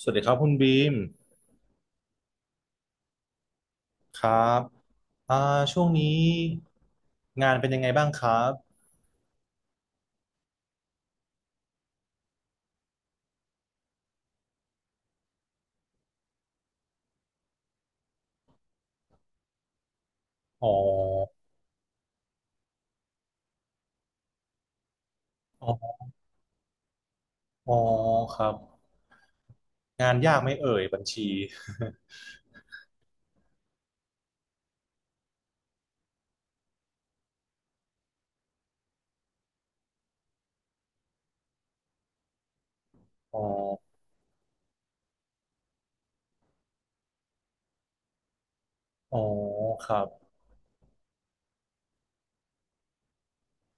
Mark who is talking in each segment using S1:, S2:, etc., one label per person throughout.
S1: สวัสดีครับคุณบีมครับอ่าช่วงนี้งานเป็นยังไงบ้างครับอ๋ออ๋ออ๋อครับงานยากไหม่เอ่ยบัญชี อ๋ออ๋อครับ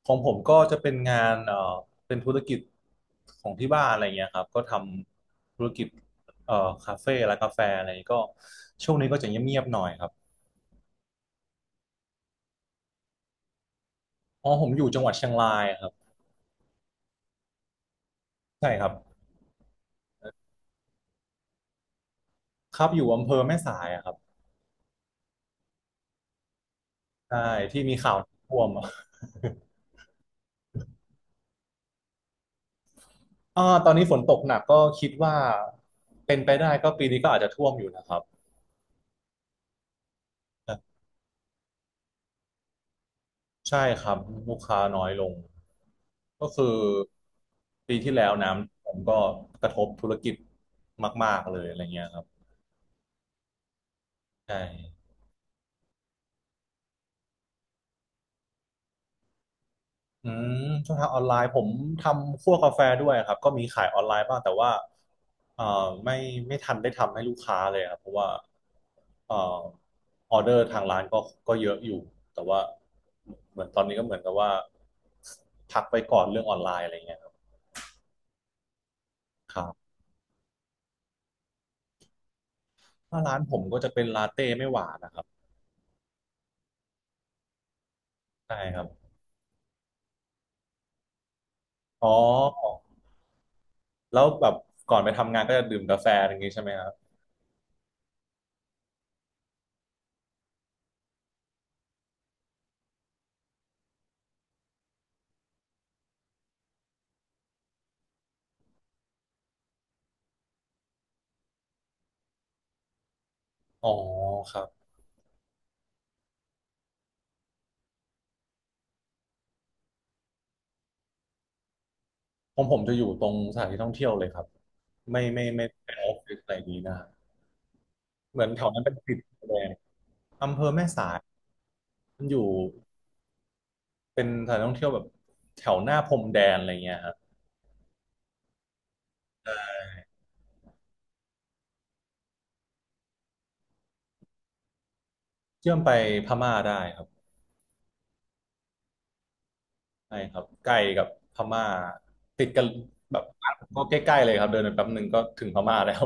S1: ของผมก็จะเป็นงานเป็นธุรกิจของที่บ้านอะไรเงี้ยครับก็ทำธุรกิจเอ่อคาเฟ่ร้านกาแฟอะไรก็ช่วงนี้ก็จะเงียบๆหน่อยครับอ๋อผมอยู่จังหวัดเชียงรายครับใช่ครับครับอยู่อำเภอแม่สายอะครับใช่ที่มีข่าวท่วมอะ ตอนนี้ฝนตกหนักก็คิดว่าเป็นไปได้ก็ปีนี้ก็อาจจะท่วมอยู่นะครับใช่ครับลูกค้าน้อยลงก็คือปีที่แล้วน้ำผมก็กระทบธุรกิจมากๆเลยอะไรเงี้ยครับใช่ อืมช่องทางออนไลน์ผมทำคั่วกาแฟด้วยครับก็มีขายออนไลน์บ้างแต่ว่าเอ่อไม่ไม่ทันได้ทำให้ลูกค้าเลยครับเพราะว่าเอ่อออเดอร์ทางร้านก็เยอะอยู่แต่ว่าเหมือนตอนนี้ก็เหมือนกับว่าพักไปก่อนเรื่องออนไลน์อะไรเงี้ยครับครับถ้าร้านผมก็จะเป็นลาเต้ไม่หวานนะครับใช่ครับอ๋อแล้วแบบก่อนไปทำงานก็จะดื่มกาแฟอย่างงี้ใช่ไหมครับอ๋อครับ ของผมจะอยู่ตรงสถานที่ท่องเที่ยวเลยครับไม่เปนออฟฟิศอะไรนี้นะฮะเหมือนแถวนั้นเป็นติดแดนอำเภอแม่สายมันอยู่เป็นสถานท่องเที่ยวแบบแถวหน้าพรมแดนอะไรเงี้ยครับเชื่อมไปพม่าได้ครับใช่ครับใกล้กับพม่าติดกันแบบก็ใกล้ๆเลยครับเดินไปแป๊บหนึ่งก็ถึงพม่าแล้ว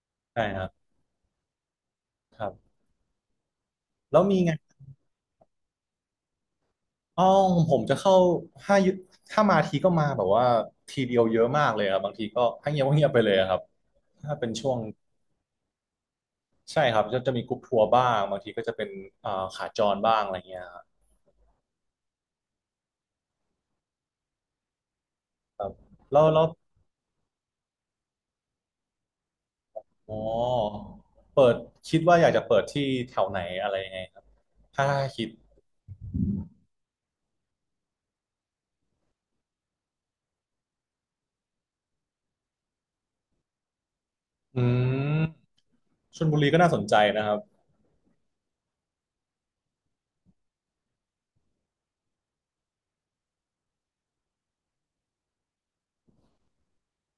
S1: ใช่ครับครับแล้วมีไงอ๋อผมจะเข้าห้ายุถ้ามาทีก็มาแบบว่าทีเดียวเยอะมากเลยครับบางทีก็ให้เงียบก็เงียบไปเลยอะครับถ้าเป็นช่วง ใช่ครับจะมีกรุ๊ปทัวร์บ้างบางทีก็จะเป็นอ่าขาจรบ้างอะไรเงี้ยครับแล้วแล้วอ๋อเปิดคิดว่าอยากจะเปิดที่แถวไหนอะไรยังไงครับถ้าคิดอืมชลบุรีก็น่าสนใจนะครับ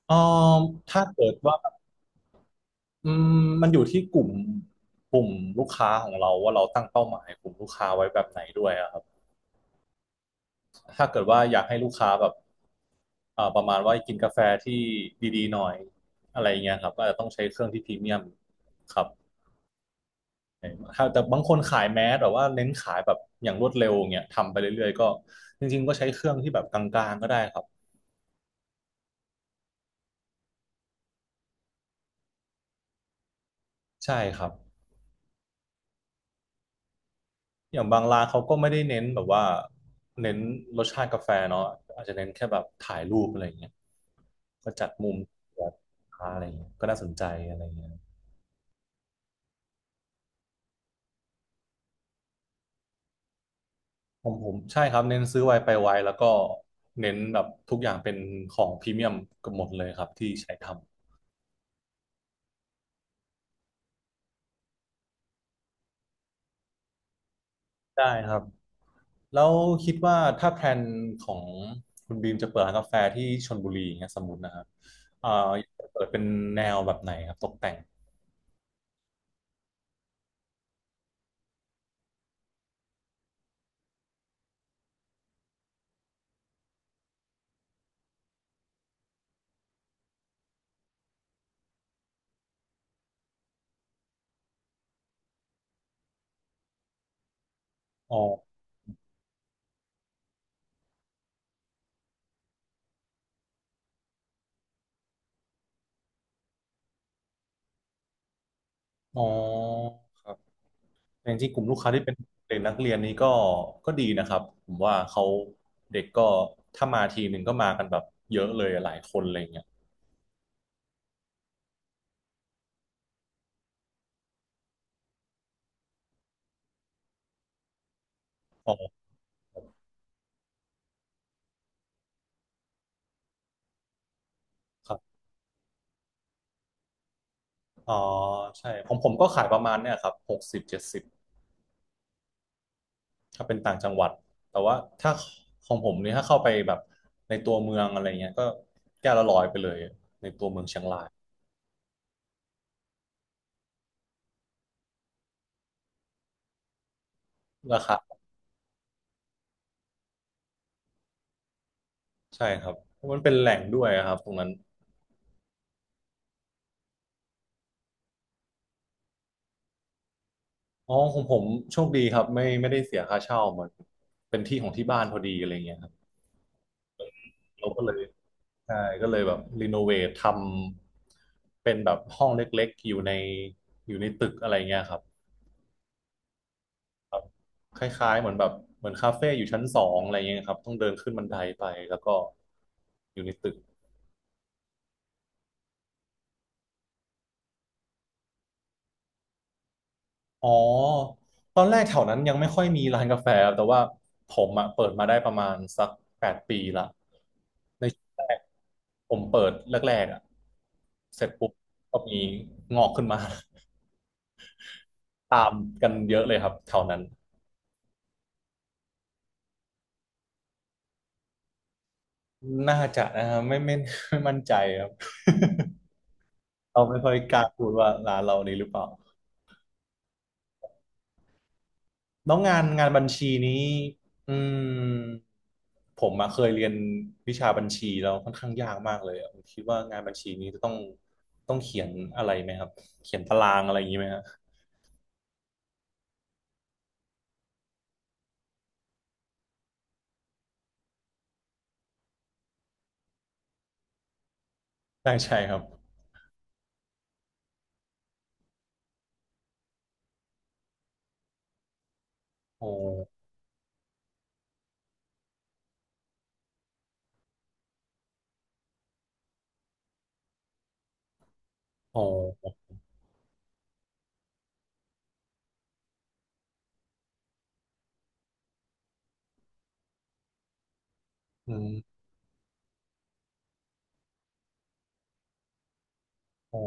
S1: เอ๋อถ้าเกิดว่าอืมมันอยู่ที่กลุ่มลูกค้าของเราว่าเราตั้งเป้าหมายกลุ่มลูกค้าไว้แบบไหนด้วยอะครับถ้าเกิดว่าอยากให้ลูกค้าแบบประมาณว่ากินกาแฟที่ดีๆหน่อยอะไรอย่างเงี้ยครับก็อาจจะต้องใช้เครื่องที่พรีเมียมครับ ครับแต่บางคนขายแมสแต่ว่าเน้นขายแบบอย่างรวดเร็วเงี้ยทำไปเรื่อยๆก็จริงๆก็ใช้เครื่องที่แบบกลางๆก็ได้ครับใช่ครับอย่างบางร้านเขาก็ไม่ได้เน้นแบบว่าเน้นรสชาติกาแฟเนาะอาจจะเน้นแค่แบบถ่ายรูปอะไรอย่างเงี้ยก็จัดมุมแบบค้าอะไรอย่างเงี้ยก็น่าสนใจอะไรอย่างเงี้ยผมใช่ครับเน้นซื้อไวไปไวแล้วก็เน้นแบบทุกอย่างเป็นของพรีเมียมเกับหมดเลยครับที่ใช้ทำ ได้ครับแล้วคิดว่าถ้าแพลนของคุณบีมจะเปิดร้านกาแฟที่ชลบุรีอย่างเงี้ยสมมตินะครับเอ่ออยากจะเปิดเป็นแนวแบบไหนครับตกแต่งอ๋ออ๋อครับแต่จริงๆกลุ่มลูกค้าที่เป็นเด็กนักเรียนนี้ก็ดีนะครับผมว่าเขาเด็กก็ถ้ามาทีหนึ่งก็มากันแบบเยอะเลยหลายคนอะไรเงี้ยอ๋อครับอ๋อใช่ของผมก็ขายประมาณเนี่ยครับหกสิบเจ็ดสิบ ถ้าเป็นต่างจังหวัดแต่ว่าถ้าของผมนี่ถ้าเข้าไปแบบในตัวเมืองอะไรเงี้ยก็แก้วละร้อยไปเลยในตัวเมืองเชียงรายราคาใช่ครับเพราะมันเป็นแหล่งด้วยอะครับตรงนั้นอ๋อของผมโชคดีครับไม่ได้เสียค่าเช่ามันเป็นที่ของที่บ้านพอดีอะไรเงี้ยครับเราก็เลยใช่ก็เลยแบบรีโนเวททำเป็นแบบห้องเล็กๆอยู่ในอยู่ในตึกอะไรเงี้ยครับคล้ายๆเหมือนแบบเหมือนคาเฟ่อยู่ชั้นสองอะไรเงี้ยครับต้องเดินขึ้นบันไดไปแล้วก็อยู่ในตึก อ๋อตอนแรกแถวนั้นยังไม่ค่อยมีร้านกาแฟครับแต่ว่าผมอะเปิดมาได้ประมาณสักแปดปีละในช่วงแรกผมเปิดแรกๆอะเสร็จปุ๊บก็มีงอกขึ้นมา ตามกันเยอะเลยครับแถวนั้นน่าจะนะครับไม่ไม่มั่นใจครับ เราไม่ค่อยกล้าพูดว่าร้านเรานี้หรือเปล่า แล้วงานบัญชีนี้อืมผมมาเคยเรียนวิชาบัญชีแล้วค่อนข้างยากมากเลยอะผมคิดว่างานบัญชีนี้จะต้องเขียนอะไรไหมครับเขียนตารางอะไรอย่างนี้ไหมฮะใช่ ใช่ครับโอ้โอ้อืมโอ้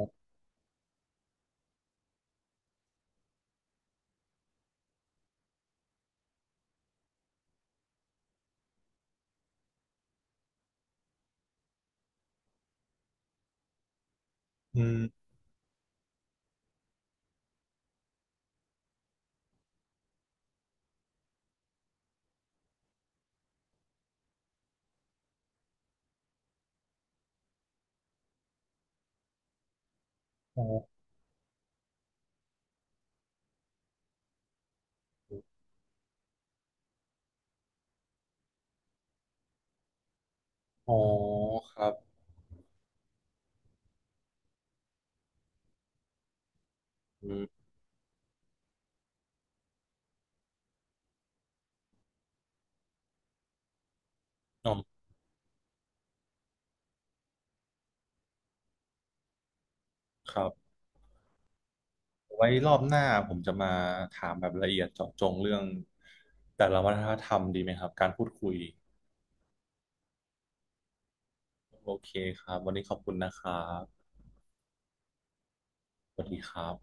S1: อืมโอ้โอ้ครับอืมอ๋อครับไว้รอบหน้าผมจะมาถามแบบละเอียดเจาะจงเรื่องแต่ละวัฒนธรรมดีไหมครับการพูดคุยโอเคครับวันนี้ขอบคุณนะครับ สวัสดีครับ